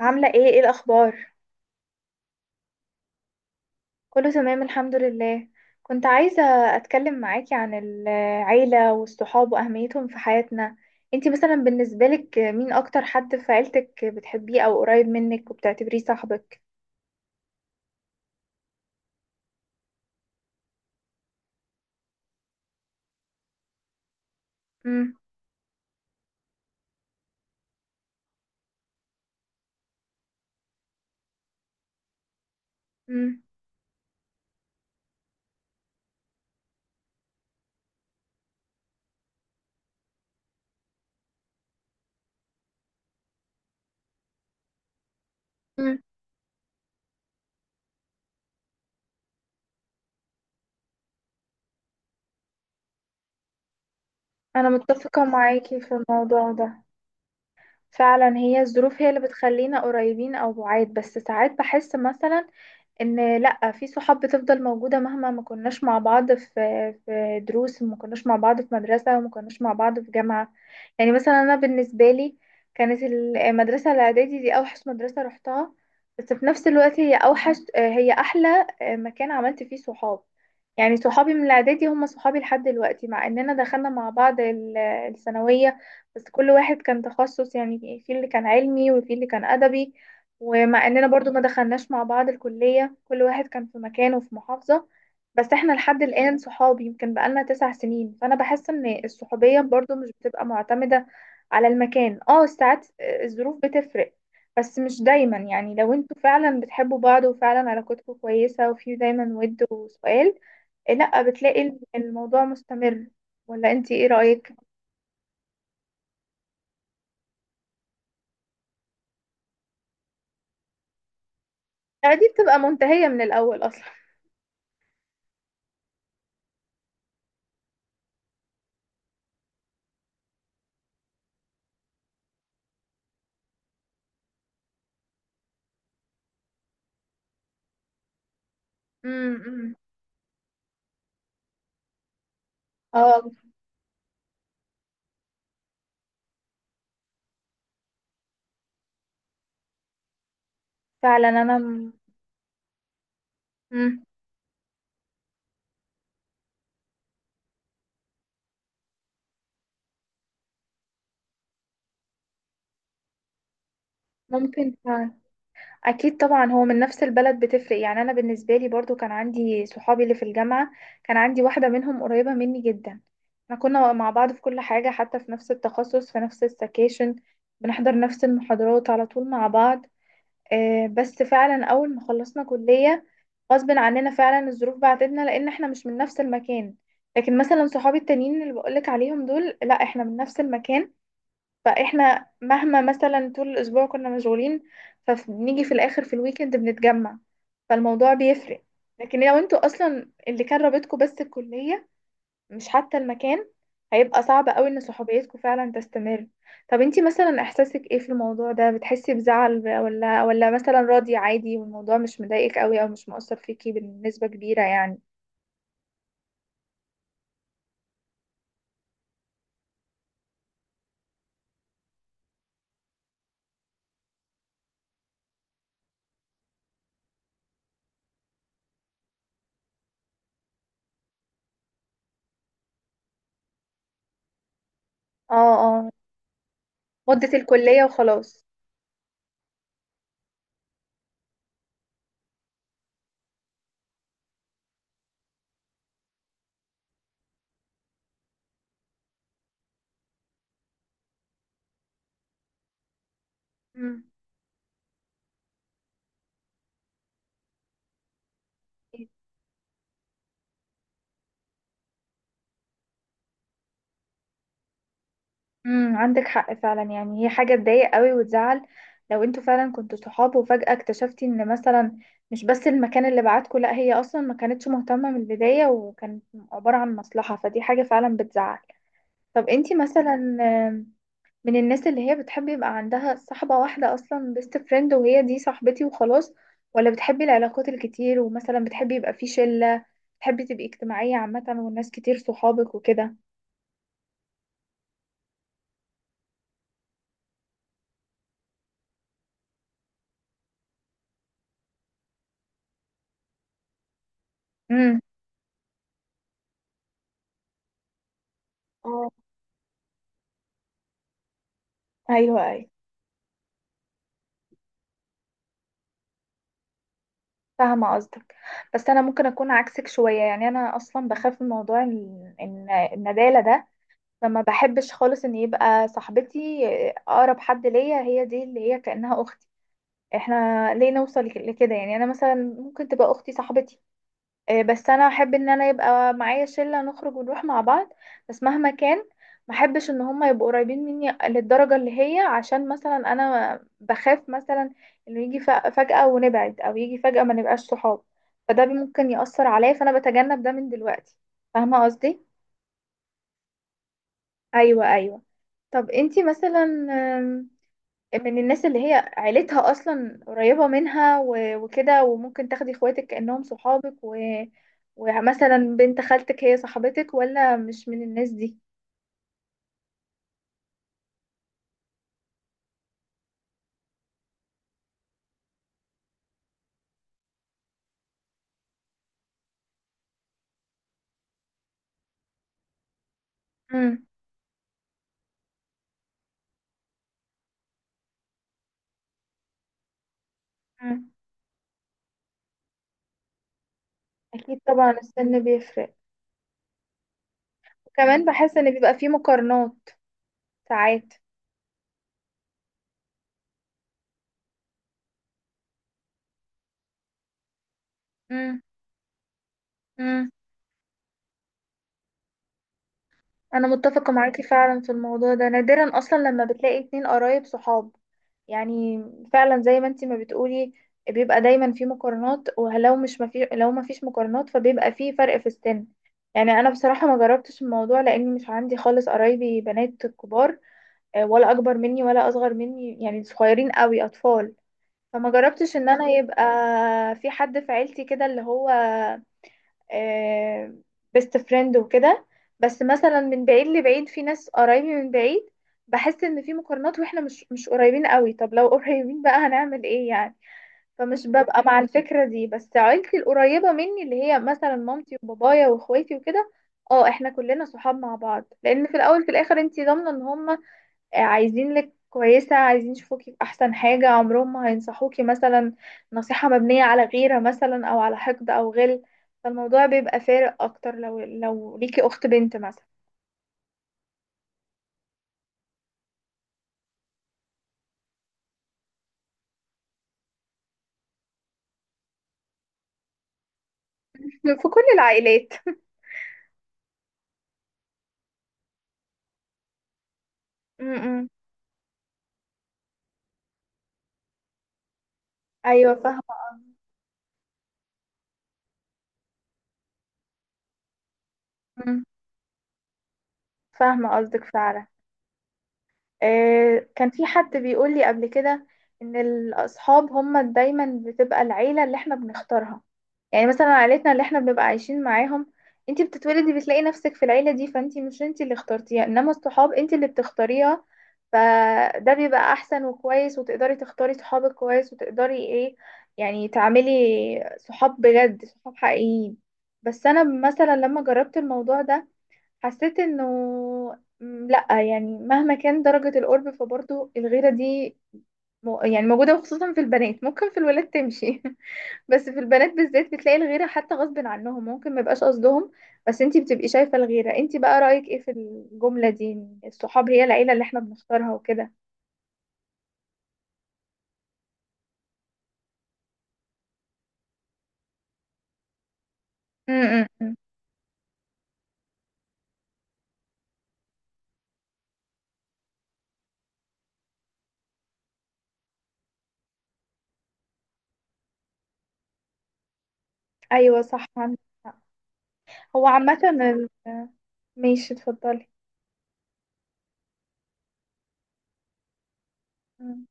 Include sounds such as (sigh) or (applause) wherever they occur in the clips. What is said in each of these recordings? عاملة ايه، ايه الأخبار؟ كله تمام الحمد لله. كنت عايزة أتكلم معاكي عن العيلة والصحاب وأهميتهم في حياتنا. انتي مثلا بالنسبة لك مين أكتر حد في عيلتك بتحبيه أو قريب منك وبتعتبريه صاحبك؟ مم. مم. مم. أنا متفقة معاكي في الموضوع ده. فعلا هي الظروف هي اللي بتخلينا قريبين أو بعاد، بس ساعات بحس مثلا ان لا، في صحاب بتفضل موجودة مهما ما كناش مع بعض في دروس وما كناش مع بعض في مدرسة وما كناش مع بعض في جامعة. يعني مثلا انا بالنسبة لي، كانت المدرسة الاعدادي دي اوحش مدرسة رحتها، بس في نفس الوقت هي اوحش، هي احلى مكان عملت فيه صحاب. يعني صحابي من الاعدادي هم صحابي لحد دلوقتي، مع اننا دخلنا مع بعض الثانوية. بس كل واحد كان تخصص، يعني في اللي كان علمي وفي اللي كان ادبي. ومع اننا برضو ما دخلناش مع بعض الكلية، كل واحد كان في مكان وفي محافظة. بس احنا لحد الآن صحاب، يمكن بقالنا 9 سنين. فانا بحس ان الصحوبية برضو مش بتبقى معتمدة على المكان. اه، ساعات الظروف بتفرق، بس مش دايما. يعني لو انتوا فعلا بتحبوا بعض وفعلا علاقتكم كويسة وفي دايما ود وسؤال، إيه، لا بتلاقي الموضوع مستمر. ولا انت ايه رأيك؟ لا دي بتبقى منتهية من الأول أصلا. أمم. اه، فعلا انا. امم ممكن فعلا. اكيد طبعا هو من نفس البلد بتفرق، يعني انا بالنسبه لي برضو كان عندي صحابي اللي في الجامعه. كان عندي واحده منهم قريبه مني جدا. احنا كنا مع بعض في كل حاجه، حتى في نفس التخصص، في نفس السكاشن، بنحضر نفس المحاضرات على طول مع بعض. بس فعلا اول ما خلصنا كليه، غصب عننا، فعلا الظروف بعتتنا لان احنا مش من نفس المكان. لكن مثلا صحابي التانيين اللي بقولك عليهم دول، لا احنا من نفس المكان، فاحنا مهما مثلا طول الاسبوع كنا مشغولين فبنيجي في الاخر في الويكند بنتجمع، فالموضوع بيفرق. لكن لو انتوا اصلا اللي كان رابطكم بس الكلية، مش حتى المكان، هيبقى صعب قوي ان صحوبيتكم فعلا تستمر. طب انتي مثلا احساسك ايه في الموضوع ده؟ بتحسي بزعل، ولا مثلا راضية عادي والموضوع مش مضايقك قوي او مش مؤثر فيكي بنسبة كبيرة يعني؟ اه، اه، مدة الكلية وخلاص. مم. عندك حق فعلا، يعني هي حاجة تضايق قوي وتزعل لو انتوا فعلا كنتوا صحاب وفجأة اكتشفتي ان مثلا مش بس المكان اللي بعتكوا، لا هي اصلا ما كانتش مهتمة من البداية وكانت عبارة عن مصلحة، فدي حاجة فعلا بتزعل. طب انتي مثلا، آم، من الناس اللي هي بتحب يبقى عندها صاحبة واحدة اصلا، بيست فريند، وهي دي صاحبتي وخلاص، ولا بتحبي العلاقات الكتير ومثلا بتحبي يبقى في شلة، بتحبي تبقي اجتماعية عامة والناس كتير صحابك وكده؟ امم. اه. ايوه، ايوه. فاهمة قصدك. بس أنا ممكن أكون عكسك شوية. يعني أنا أصلا بخاف من موضوع إن الندالة ده، فما بحبش خالص إن يبقى صاحبتي أقرب حد ليا، هي دي اللي هي كأنها أختي. احنا ليه نوصل لكده؟ يعني أنا مثلا ممكن تبقى أختي صاحبتي. بس انا احب ان انا يبقى معايا شله نخرج ونروح مع بعض. بس مهما كان، ما احبش ان هم يبقوا قريبين مني للدرجه اللي هي، عشان مثلا انا بخاف مثلا انه يجي فجاه ونبعد او يجي فجاه ما نبقاش صحاب، فده ممكن ياثر عليا، فانا بتجنب ده من دلوقتي. فاهمه قصدي؟ ايوه، ايوه. طب انتي مثلا من الناس اللي هي عيلتها اصلا قريبة منها وكده، وممكن تاخدي اخواتك كأنهم صحابك ومثلا بنت خالتك هي صاحبتك، ولا مش من الناس دي؟ مم. مم. اكيد طبعا السن بيفرق. وكمان بحس ان بيبقى فيه مقارنات ساعات. مم. مم. انا متفقة معاكي فعلا في الموضوع ده. نادرا اصلا لما بتلاقي 2 قرايب صحاب. يعني فعلا زي ما انتي ما بتقولي، بيبقى دايما في مقارنات، ولو مش مفي... لو ما فيش مقارنات فبيبقى في فرق في السن. يعني انا بصراحة ما جربتش الموضوع، لاني مش عندي خالص قرايبي بنات كبار، ولا اكبر مني ولا اصغر مني، يعني صغيرين قوي اطفال. فما جربتش ان انا يبقى في حد في عيلتي كده اللي هو بيست فريند وكده. بس مثلا من بعيد لبعيد في ناس قرايبي من بعيد، بحس ان في مقارنات واحنا مش قريبين قوي. طب لو (laughs) قريبين بقى هنعمل ايه يعني؟ فمش ببقى مع الفكرة دي. بس عيلتي القريبة مني اللي هي مثلا مامتي وبابايا واخواتي وكده، اه احنا كلنا صحاب مع بعض، لان في الاول في الاخر انتي ضامنة ان هم عايزينك كويسة، عايزين يشوفوكي بأحسن حاجة. عمرهم ما هينصحوكي مثلا نصيحة مبنية على غيرة مثلا أو على حقد أو غل. فالموضوع بيبقى فارق أكتر لو ليكي أخت بنت مثلا. (laughs) في كل العائلات. (laughs) م- م. أيوة، فاهمة. م. فاهمة قصدك فعلا. كان في حد بيقول لي قبل كده ان الاصحاب هما دايما بتبقى العيله اللي احنا بنختارها. يعني مثلا عيلتنا اللي احنا بنبقى عايشين معاهم، انتي بتتولدي بتلاقي نفسك في العيله دي، فانتي مش انتي اللي اخترتيها، انما الصحاب انتي اللي بتختاريها. فده بيبقى احسن وكويس، وتقدري تختاري صحابك كويس وتقدري ايه، يعني تعملي صحاب بجد، صحاب حقيقيين. بس انا مثلا لما جربت الموضوع ده، حسيت انه، لا يعني مهما كان درجة القرب، فبرضه الغيرة دي يعني موجودة. وخصوصا في البنات، ممكن في الولاد تمشي. (laughs) بس في البنات بالذات بتلاقي الغيرة، حتى غصب عنهم ممكن ما يبقاش قصدهم. بس انتي بتبقي شايفة الغيرة. انتي بقى رأيك ايه في الجملة دي إن الصحاب هي العيلة اللي احنا بنختارها وكده؟ م- م. ايوه، صح، عندك حق. هو عامة ماشي، اتفضلي. م-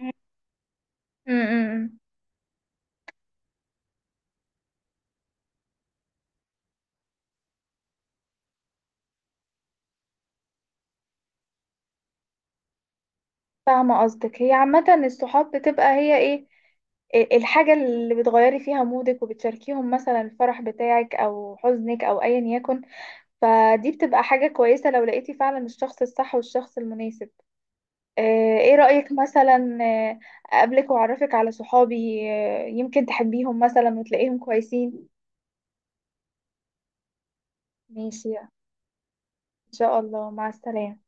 م- م. م. فاهمة قصدك. هي عامة الصحاب بتبقى هي ايه؟ إيه الحاجة اللي بتغيري فيها مودك وبتشاركيهم مثلا الفرح بتاعك او حزنك او ايا يكن. فدي بتبقى حاجة كويسة لو لقيتي فعلا الشخص الصح والشخص المناسب. ايه رأيك مثلا، آه، اقابلك واعرفك على صحابي؟ يمكن تحبيهم مثلا وتلاقيهم كويسين. ماشي، ان شاء الله. مع السلامة.